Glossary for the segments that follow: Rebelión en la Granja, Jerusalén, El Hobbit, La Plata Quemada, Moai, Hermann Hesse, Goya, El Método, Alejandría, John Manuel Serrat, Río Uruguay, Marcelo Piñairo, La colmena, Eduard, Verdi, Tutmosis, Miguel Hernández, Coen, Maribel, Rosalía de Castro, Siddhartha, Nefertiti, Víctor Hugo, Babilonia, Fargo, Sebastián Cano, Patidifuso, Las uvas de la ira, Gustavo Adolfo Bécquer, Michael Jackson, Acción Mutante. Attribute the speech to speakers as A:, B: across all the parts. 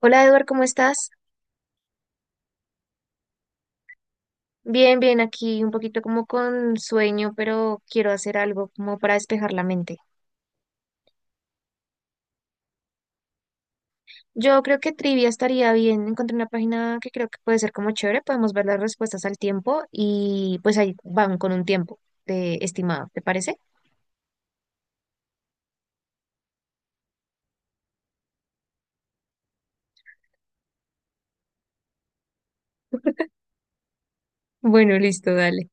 A: Hola Eduard, ¿cómo estás? Bien, bien, aquí un poquito como con sueño, pero quiero hacer algo como para despejar la mente. Yo creo que trivia estaría bien. Encontré una página que creo que puede ser como chévere. Podemos ver las respuestas al tiempo y pues ahí van con un tiempo de estimado, ¿te parece? Bueno, listo, dale.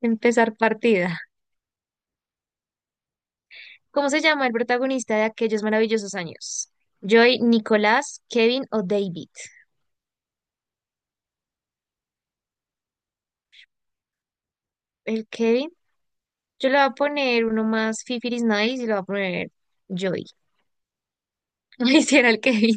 A: Empezar partida. ¿Cómo se llama el protagonista de aquellos maravillosos años? ¿Joy, Nicolás, Kevin o David? El Kevin. Yo le voy a poner uno más Fifiris Nice y le voy a poner Joy. No me hiciera el Kevin.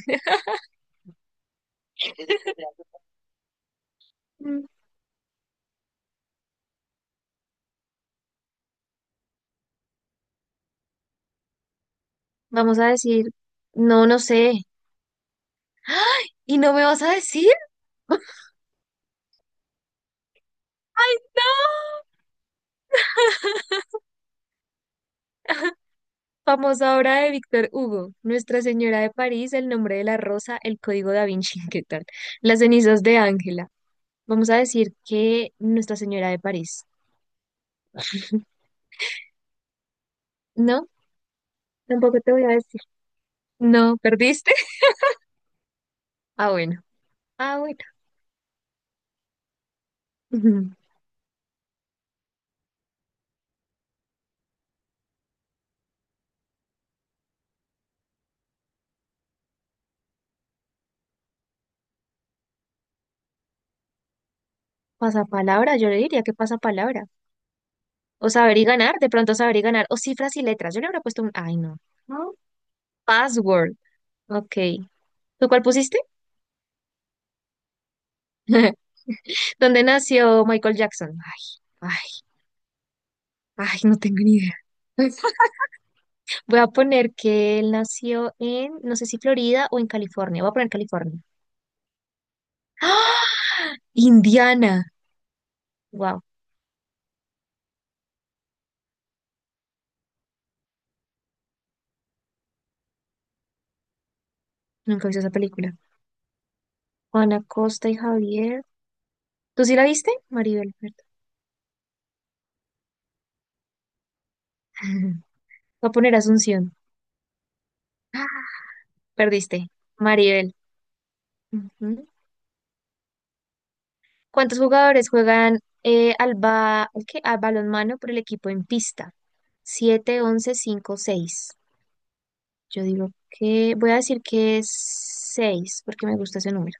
A: Vamos a decir, no, no sé. ¡Ay! ¿Y no me vas a decir? ¡Ay, no! Famosa obra de Víctor Hugo, Nuestra Señora de París, El nombre de la rosa, El código da Vinci, ¿qué tal? Las cenizas de Ángela. Vamos a decir que Nuestra Señora de París. No, tampoco te voy a decir. No, ¿perdiste? Ah, bueno. Ah, bueno. Ujú. Pasapalabra, yo le diría que pasapalabra. O saber y ganar, de pronto saber y ganar. O cifras y letras. Yo le habría puesto un... Ay, no. Password. Ok. ¿Tú cuál pusiste? ¿Dónde nació Michael Jackson? Ay, ay, ay, no tengo ni idea. Voy a poner que él nació en, no sé si Florida o en California. Voy a poner California. ¡Ah! Indiana. Wow, nunca he visto esa película. Juana Costa y Javier. ¿Tú sí la viste? Maribel, ¿verdad? Voy a poner Asunción. ¡Ah! Perdiste. Maribel. Ujú. ¿Cuántos jugadores juegan al qué, al balonmano por el equipo en pista? Siete, 11, cinco, seis. Yo digo que voy a decir que es 6 porque me gusta ese número.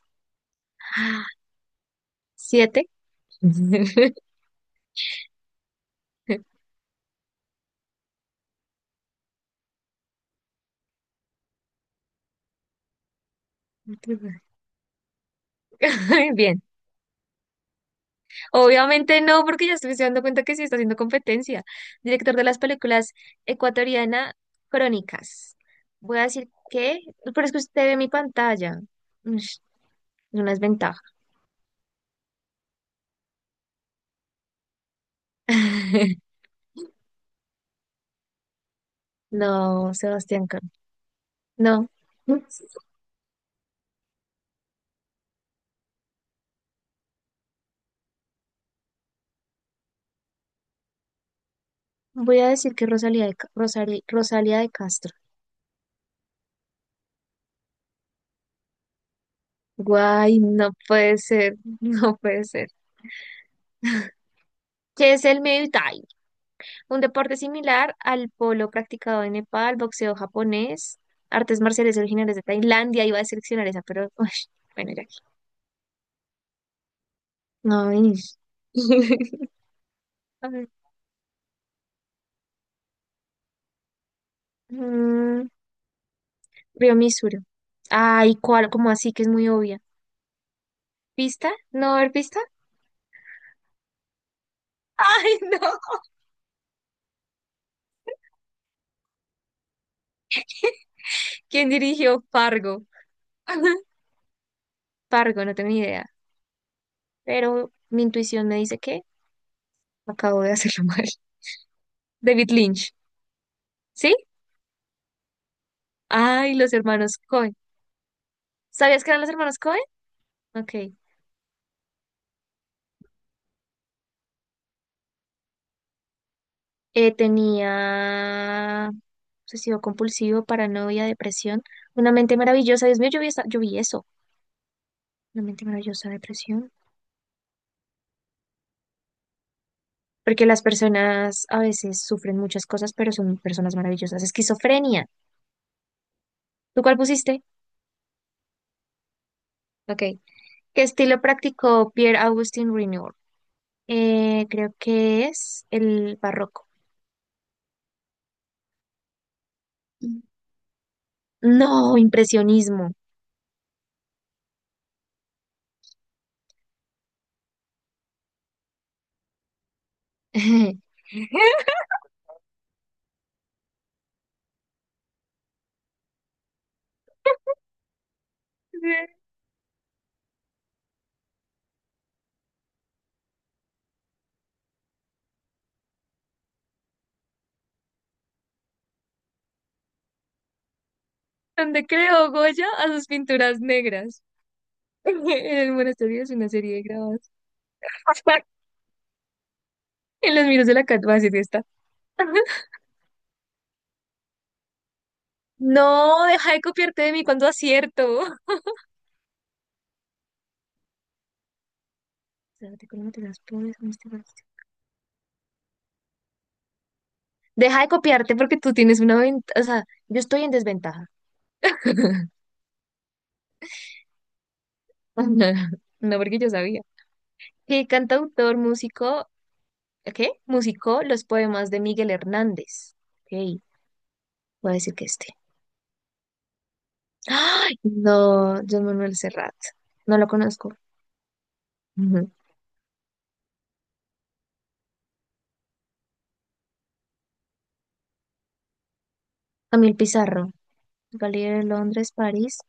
A: Siete. Bien. Obviamente no, porque ya estoy dando cuenta que sí está haciendo competencia. Director de las películas ecuatoriana Crónicas. Voy a decir que, pero es que usted ve mi pantalla. Ush, es una desventaja. No, Sebastián Cano. No. Voy a decir que Rosalía de, Rosalía de Castro. Guay, no puede ser, no puede ser. ¿Qué es el Muay Thai? Un deporte similar al polo practicado en Nepal, boxeo japonés, artes marciales originales de Tailandia. Iba a seleccionar esa, pero uy, bueno, ya. No, a ver, mm, Río Misuro. Ay, ¿cuál? ¿Cómo así? Que es muy obvia. ¿Pista? ¿No va a haber pista? Ay, no. ¿Quién dirigió Fargo? Pargo, no tengo ni idea. Pero mi intuición me dice que acabo de hacerlo mal. David Lynch. ¿Sí? Ay, los hermanos Coen. ¿Sabías que eran los hermanos Coen? Ok. Tenía obsesivo compulsivo, paranoia, depresión. Una mente maravillosa. Dios mío, yo vi, yo vi eso. Una mente maravillosa, depresión. Porque las personas a veces sufren muchas cosas, pero son personas maravillosas. Esquizofrenia. ¿Tú cuál pusiste? Ok. ¿Qué estilo practicó Pierre-Augustin Renoir? Creo que es el barroco. No, impresionismo. Donde creó Goya a sus pinturas negras. En el monasterio es una serie de grabados. En los miros de la Cat Basset está. No, deja de copiarte de mí cuando acierto. Espérate, ¿cómo te las pones? Deja de copiarte porque tú tienes una ventaja. O sea, yo estoy en desventaja. No, porque yo sabía. ¿Qué cantautor, músico, qué, musicó los poemas de Miguel Hernández? Ok, voy a decir que este. ¡Ay! No, John Manuel Serrat. No lo conozco. Ujú. Camil Pizarro. Galería de Londres, París.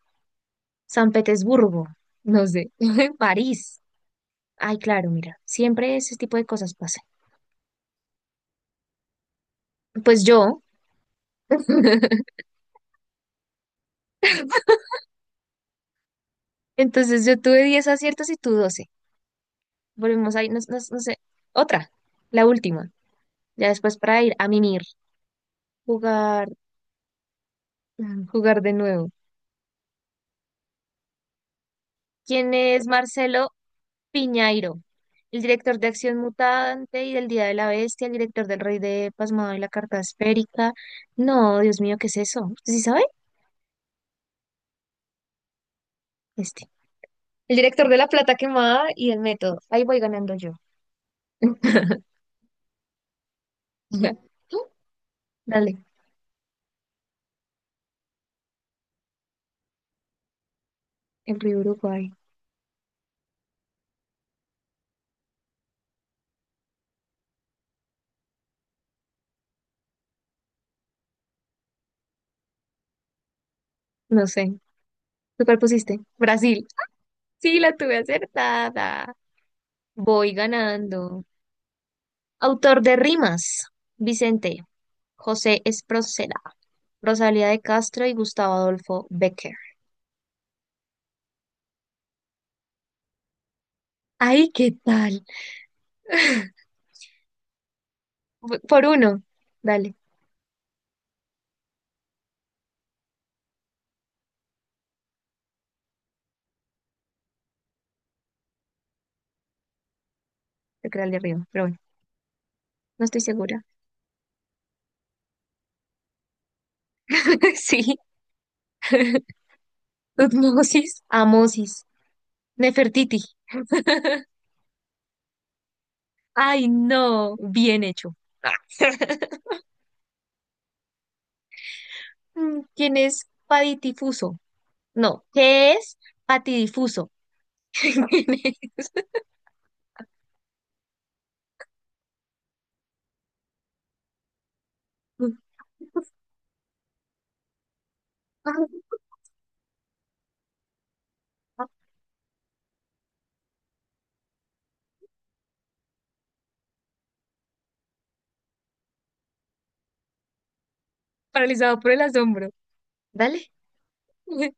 A: San Petersburgo. No sé. París. Ay, claro, mira. Siempre ese tipo de cosas pasan. Pues yo. Entonces yo tuve diez aciertos y tú 12. Volvemos ahí, no, no sé. Otra, la última. Ya después para ir a mimir, jugar, jugar de nuevo. ¿Quién es Marcelo Piñairo, el director de Acción Mutante y del Día de la Bestia, el director del Rey de Pasmado y la Carta Esférica? No, Dios mío, ¿qué es eso? ¿Usted sí sabe? Este. El director de La Plata Quemada y El Método. Ahí voy ganando yo. Dale, en Río Uruguay. No sé. ¿Tú cuál pusiste? Brasil. Sí, la tuve acertada. Voy ganando. Autor de rimas. Vicente José Esproceda, Rosalía de Castro y Gustavo Adolfo Becker. Ay, ¿qué tal? Por uno. Dale, te queda el de arriba, pero bueno, no estoy segura. Sí. Tutmosis, Amosis, Nefertiti. Ay, no, bien hecho. Mm, ¿quién es Patidifuso? No, ¿qué es patidifuso? ¿Quién es? Paralizado por el asombro. Dale.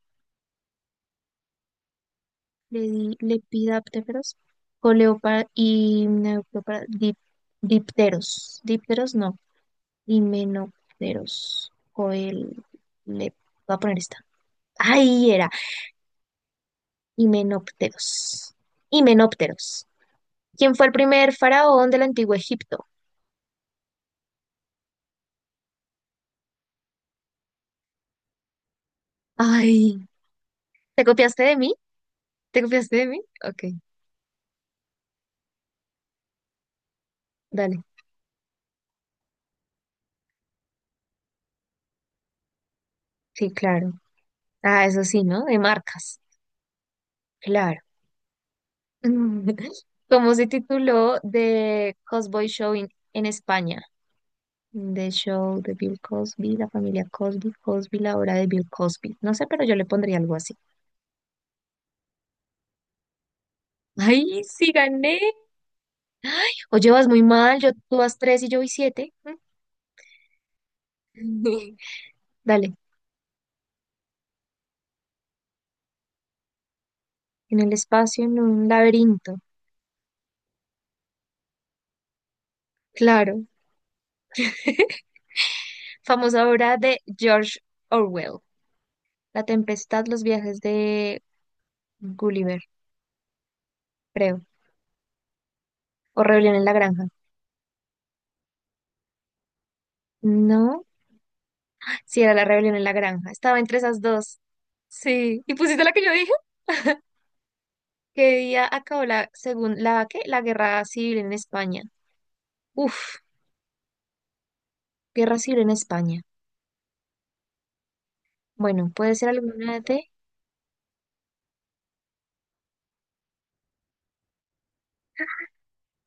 A: Lepidápteros, coleópar y neoprópara- dipteros, dípteros no, himenópteros, coel, le, voy a poner esta. Ahí era, himenópteros, himenópteros. ¿Quién fue el primer faraón del antiguo Egipto? Ay, ¿te copiaste de mí? ¿Te copiaste de mí? Ok, dale. Sí, claro. Ah, eso sí, ¿no? De marcas. Claro. ¿Cómo se tituló The Cosboy Show en España? The Show de Bill Cosby, La familia Cosby, Cosby, la hora de Bill Cosby. No sé, pero yo le pondría algo así. ¡Ay, sí gané! O llevas muy mal, yo, tú vas tres y yo voy siete. Dale, en el espacio, en un laberinto. Claro. Famosa obra de George Orwell. La tempestad, los viajes de Gulliver, creo. O Rebelión en la Granja. No, sí era la Rebelión en la Granja. Estaba entre esas dos. Sí. ¿Y pusiste la que yo dije? ¿Qué día acabó la, según, la, qué, la guerra civil en España? Uf, guerra civil en España. Bueno, puede ser alguna de...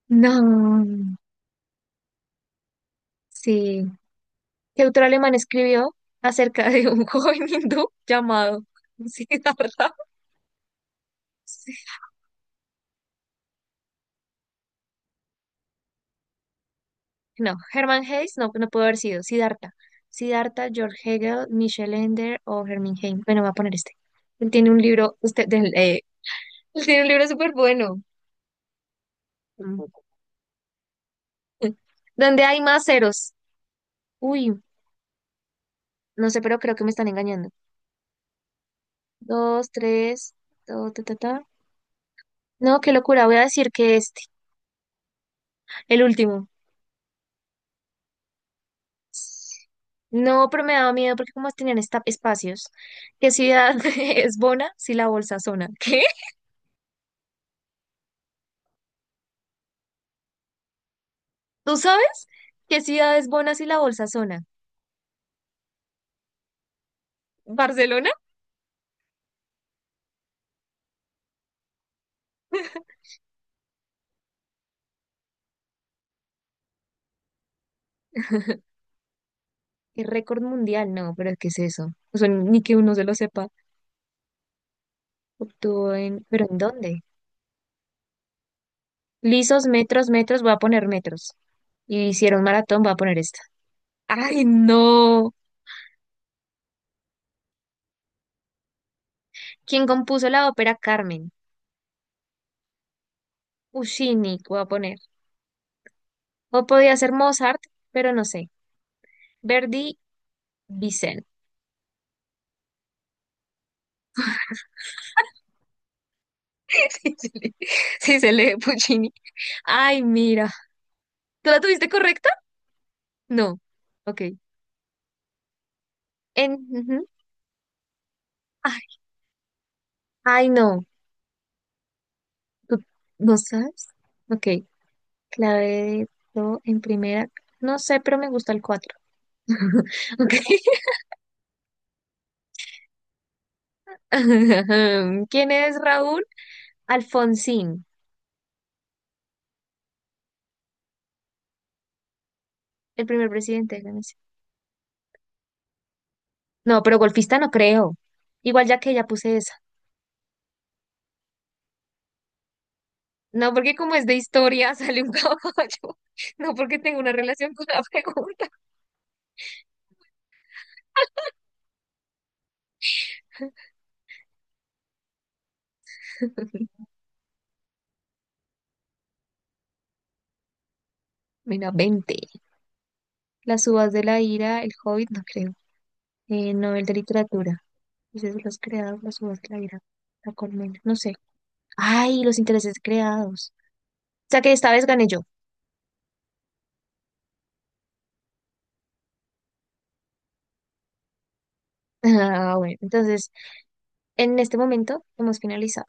A: No, sí. ¿Qué autor alemán escribió acerca de un joven hindú llamado Siddhartha? Sí. No, Hermann Hesse, no, no pudo haber sido. Siddhartha. Siddhartha, George Hegel, Michel Ender o Hermann Hesse. Bueno, voy a poner este. Él tiene un libro, usted, él tiene un libro súper bueno. Mm. ¿Dónde hay más ceros? Uy. No sé, pero creo que me están engañando. Dos, tres, do, ta, ta, ta. No, qué locura, voy a decir que este, el último. No, pero me daba miedo porque como tenían espacios. ¿Qué ciudad es Bona si la bolsa zona? ¿Qué? ¿Tú sabes? ¿Qué ciudad es Bona si la bolsa zona? ¿Barcelona? ¿Qué récord mundial? No, pero ¿qué es eso? O sea, ni que uno se lo sepa. Obtuvo en... ¿Pero en dónde? Lisos, metros, metros, voy a poner metros. Y hicieron maratón, voy a poner esta. ¡Ay, no! ¿Quién compuso la ópera Carmen? Puccini, voy a poner. O podía ser Mozart, pero no sé. Verdi, Vicente. Sí, se lee Puccini. Ay, mira. ¿Tú la tuviste correcta? No. Ok. En, ujú. Ay, ay, no. ¿Tú no sabes? Ok. Clave de do en primera. No sé, pero me gusta el cuatro. Ok. ¿Quién es Raúl? Alfonsín, el primer presidente. No, pero golfista no creo. Igual ya que ya puse esa. No, porque como es de historia, sale un caballo. No, porque tengo una relación con la pregunta. Mira, 20. Las uvas de la ira, el Hobbit, no creo. Novel de literatura. Dices los creados, las uvas de la ira. La colmena, no sé. Ay, los intereses creados. O sea que esta vez gané yo. Ah, bueno. Entonces, en este momento hemos finalizado.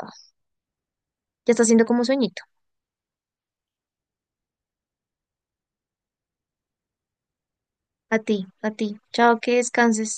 A: Ya está haciendo como sueñito. A ti, a ti. Chao, que descanses.